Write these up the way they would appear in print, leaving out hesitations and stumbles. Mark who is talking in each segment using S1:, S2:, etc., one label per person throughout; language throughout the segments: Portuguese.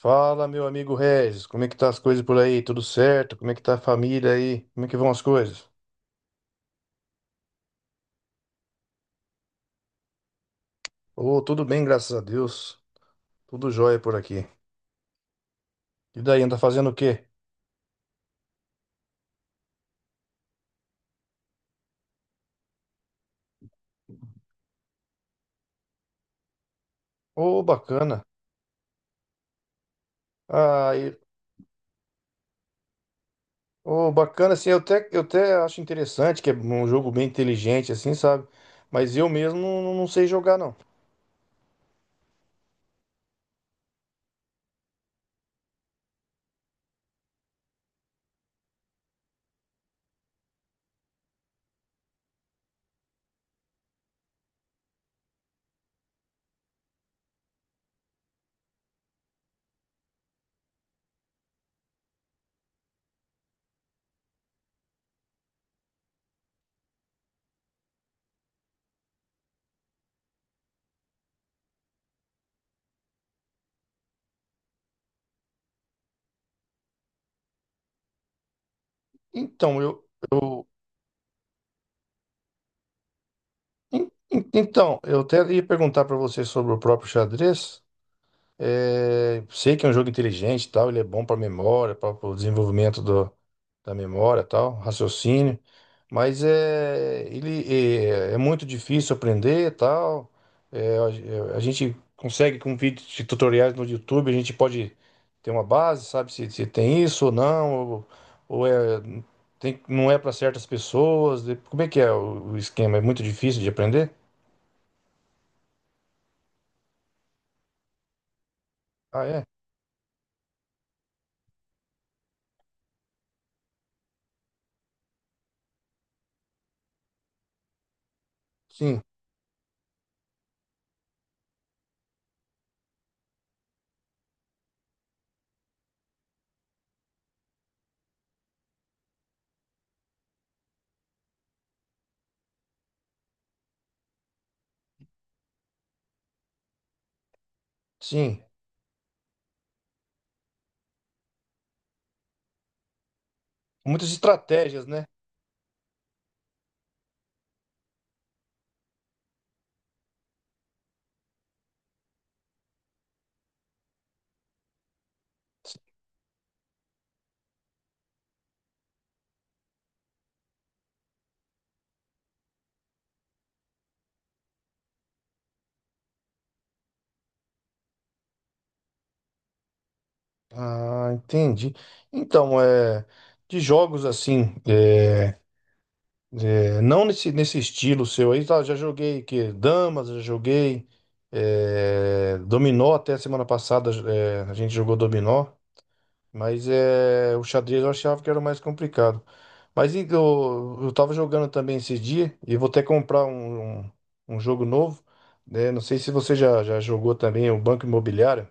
S1: Fala, meu amigo Regis, como é que tá as coisas por aí? Tudo certo? Como é que tá a família aí? Como é que vão as coisas? Ô, tudo bem, graças a Deus. Tudo jóia por aqui. E daí, anda fazendo o quê? Ô, bacana. Ah, e- Ô, bacana, assim, eu até acho interessante que é um jogo bem inteligente, assim, sabe? Mas eu mesmo não sei jogar, não. Então, eu, eu até ia perguntar pra você sobre o próprio xadrez. É, sei que é um jogo inteligente e tal, ele é bom para memória, para o desenvolvimento da memória e tal, raciocínio, mas é muito difícil aprender e tal. É, a gente consegue com vídeos de tutoriais no YouTube, a gente pode ter uma base, se tem isso ou não, ou é, tem, não é para certas pessoas. Como é que é o esquema? É muito difícil de aprender? Ah, é? Sim, sim. Muitas estratégias, né? Ah, entendi. Então, é, de jogos assim, é, é, não nesse, nesse estilo seu aí, tá, já joguei que damas, já joguei é, dominó até semana passada, é, a gente jogou dominó, mas é, o xadrez eu achava que era o mais complicado. Mas eu tava jogando também esse dia e vou até comprar um jogo novo, né? Não sei se você já jogou também o Banco Imobiliário.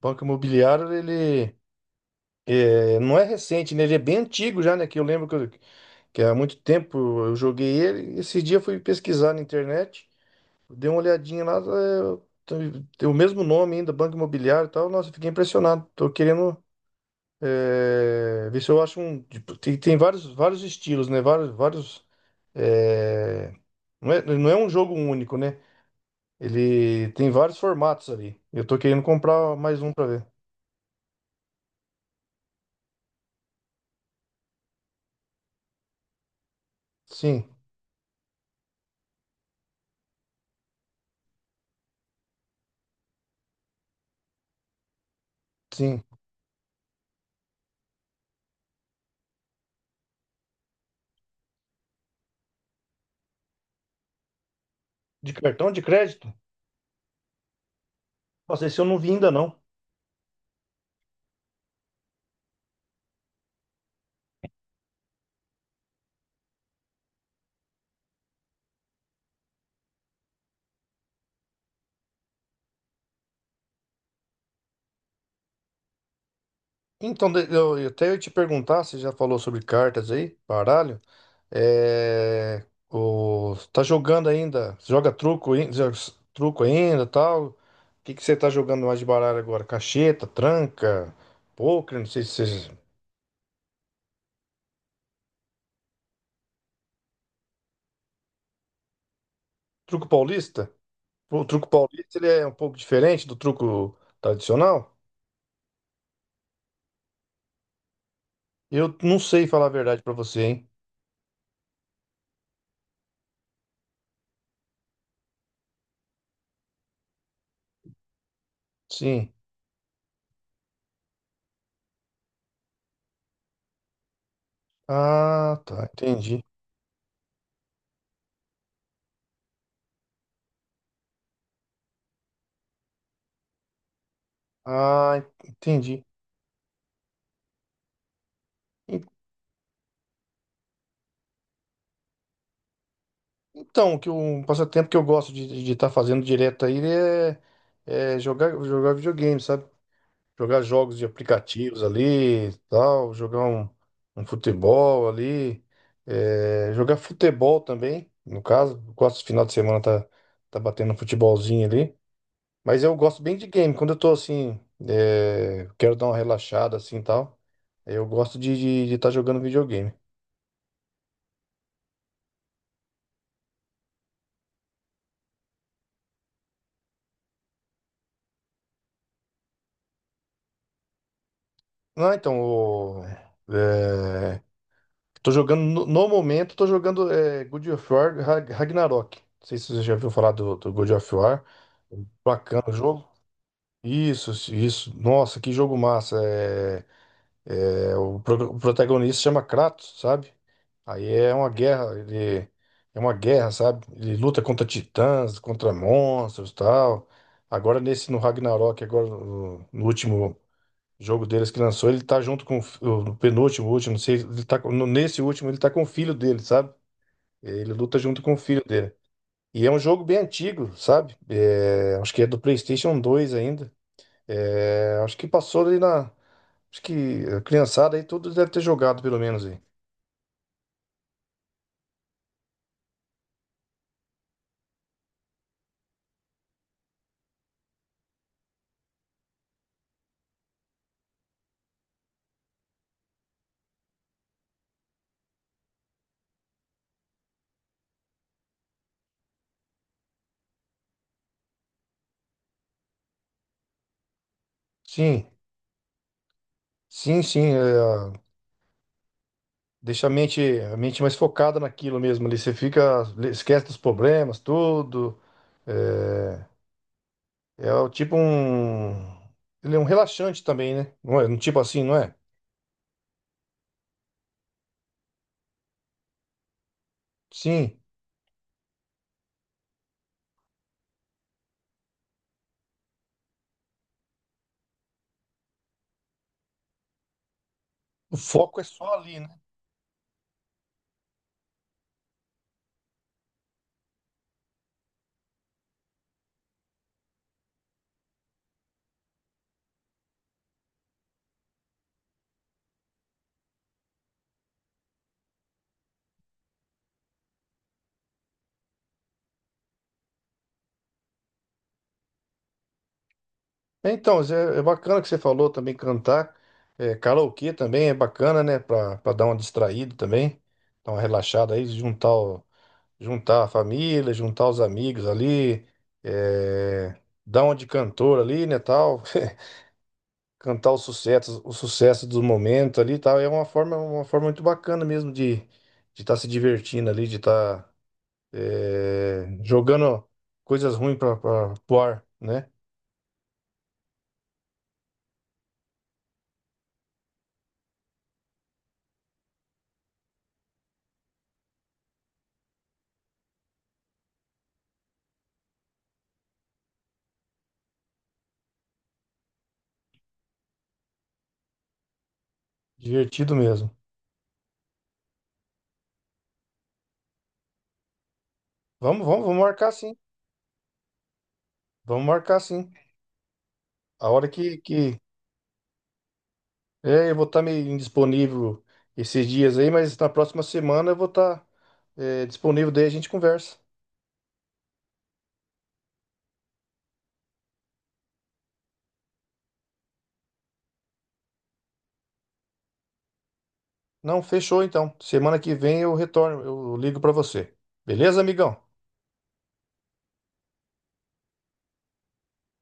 S1: Banco Imobiliário, ele é, não é recente, né? Ele é bem antigo já, né? Que eu lembro que, eu- Que há muito tempo eu joguei ele. Esse dia eu fui pesquisar na internet, dei uma olhadinha lá, é, tem o mesmo nome ainda, Banco Imobiliário e tal. Nossa, eu fiquei impressionado. Tô querendo é, ver se eu acho um. Tipo, tem, tem vários estilos, né? Vários. É, não é um jogo único, né? Ele tem vários formatos ali. Eu tô querendo comprar mais um pra ver. Sim, sim. De cartão de crédito? Nossa, esse eu não vi ainda não. Então, eu até ia te perguntar, você já falou sobre cartas aí, baralho? É, o, tá jogando ainda? Você joga truco, truco ainda, tal? O que que você tá jogando mais de baralho agora? Cacheta, tranca, pôquer, não sei se você... Truco paulista? O truco paulista, ele é um pouco diferente do truco tradicional? Eu não sei falar a verdade pra você, hein? Sim. Ah, tá, entendi. Ah, entendi. Então, que um passatempo que eu gosto de estar fazendo direto aí é, é jogar, jogar videogame, sabe? Jogar jogos de aplicativos ali, e tal, jogar um futebol ali, é, jogar futebol também, no caso, gosto de final de semana tá batendo um futebolzinho ali, mas eu gosto bem de game, quando eu tô assim, é, quero dar uma relaxada assim e tal, eu gosto de estar jogando videogame. Ah, então, o, é, tô jogando, no momento, tô jogando é, God of War Ragnarok. Não sei se você já ouviu falar do God of War. Bacana o jogo. Isso, isso. Nossa, que jogo massa. É, é, o protagonista chama Kratos, sabe? Aí é uma guerra, ele é uma guerra, sabe? Ele luta contra titãs, contra monstros, tal. Agora nesse no Ragnarok, agora no último o jogo deles que lançou, ele tá junto com o fi- o penúltimo, último, não sei, ele tá, com- no- nesse último ele tá com o filho dele, sabe? Ele luta junto com o filho dele. E é um jogo bem antigo, sabe? É, acho que é do PlayStation 2 ainda. É, acho que passou ali na. Acho que a criançada aí tudo deve ter jogado, pelo menos aí. Sim, sim, sim. É, deixa a mente, a mente mais focada naquilo mesmo ali. Você fica, esquece dos problemas, tudo. É, é o tipo um. Ele é um relaxante também, né? Não é? Um tipo assim, não é? Sim. O foco é só ali, né? É, então, Zé, é bacana que você falou também cantar. É, karaokê também é bacana, né? Pra dar uma distraída também. Dar uma relaxada aí, juntar a família, juntar os amigos ali. É, dar uma de cantor ali, né? Tal. Cantar os sucessos do momento ali e tal. É uma forma muito bacana mesmo de estar de tá se divertindo ali, de estar é, jogando coisas ruins para o ar, né? Divertido mesmo. Vamos marcar sim. Vamos marcar sim. A hora que... É, eu vou estar meio indisponível esses dias aí, mas na próxima semana eu vou estar disponível, daí a gente conversa. Não, fechou então. Semana que vem eu retorno, eu ligo para você. Beleza, amigão?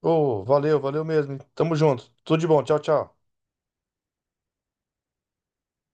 S1: Ô, valeu, valeu mesmo. Tamo junto. Tudo de bom. Tchau, tchau.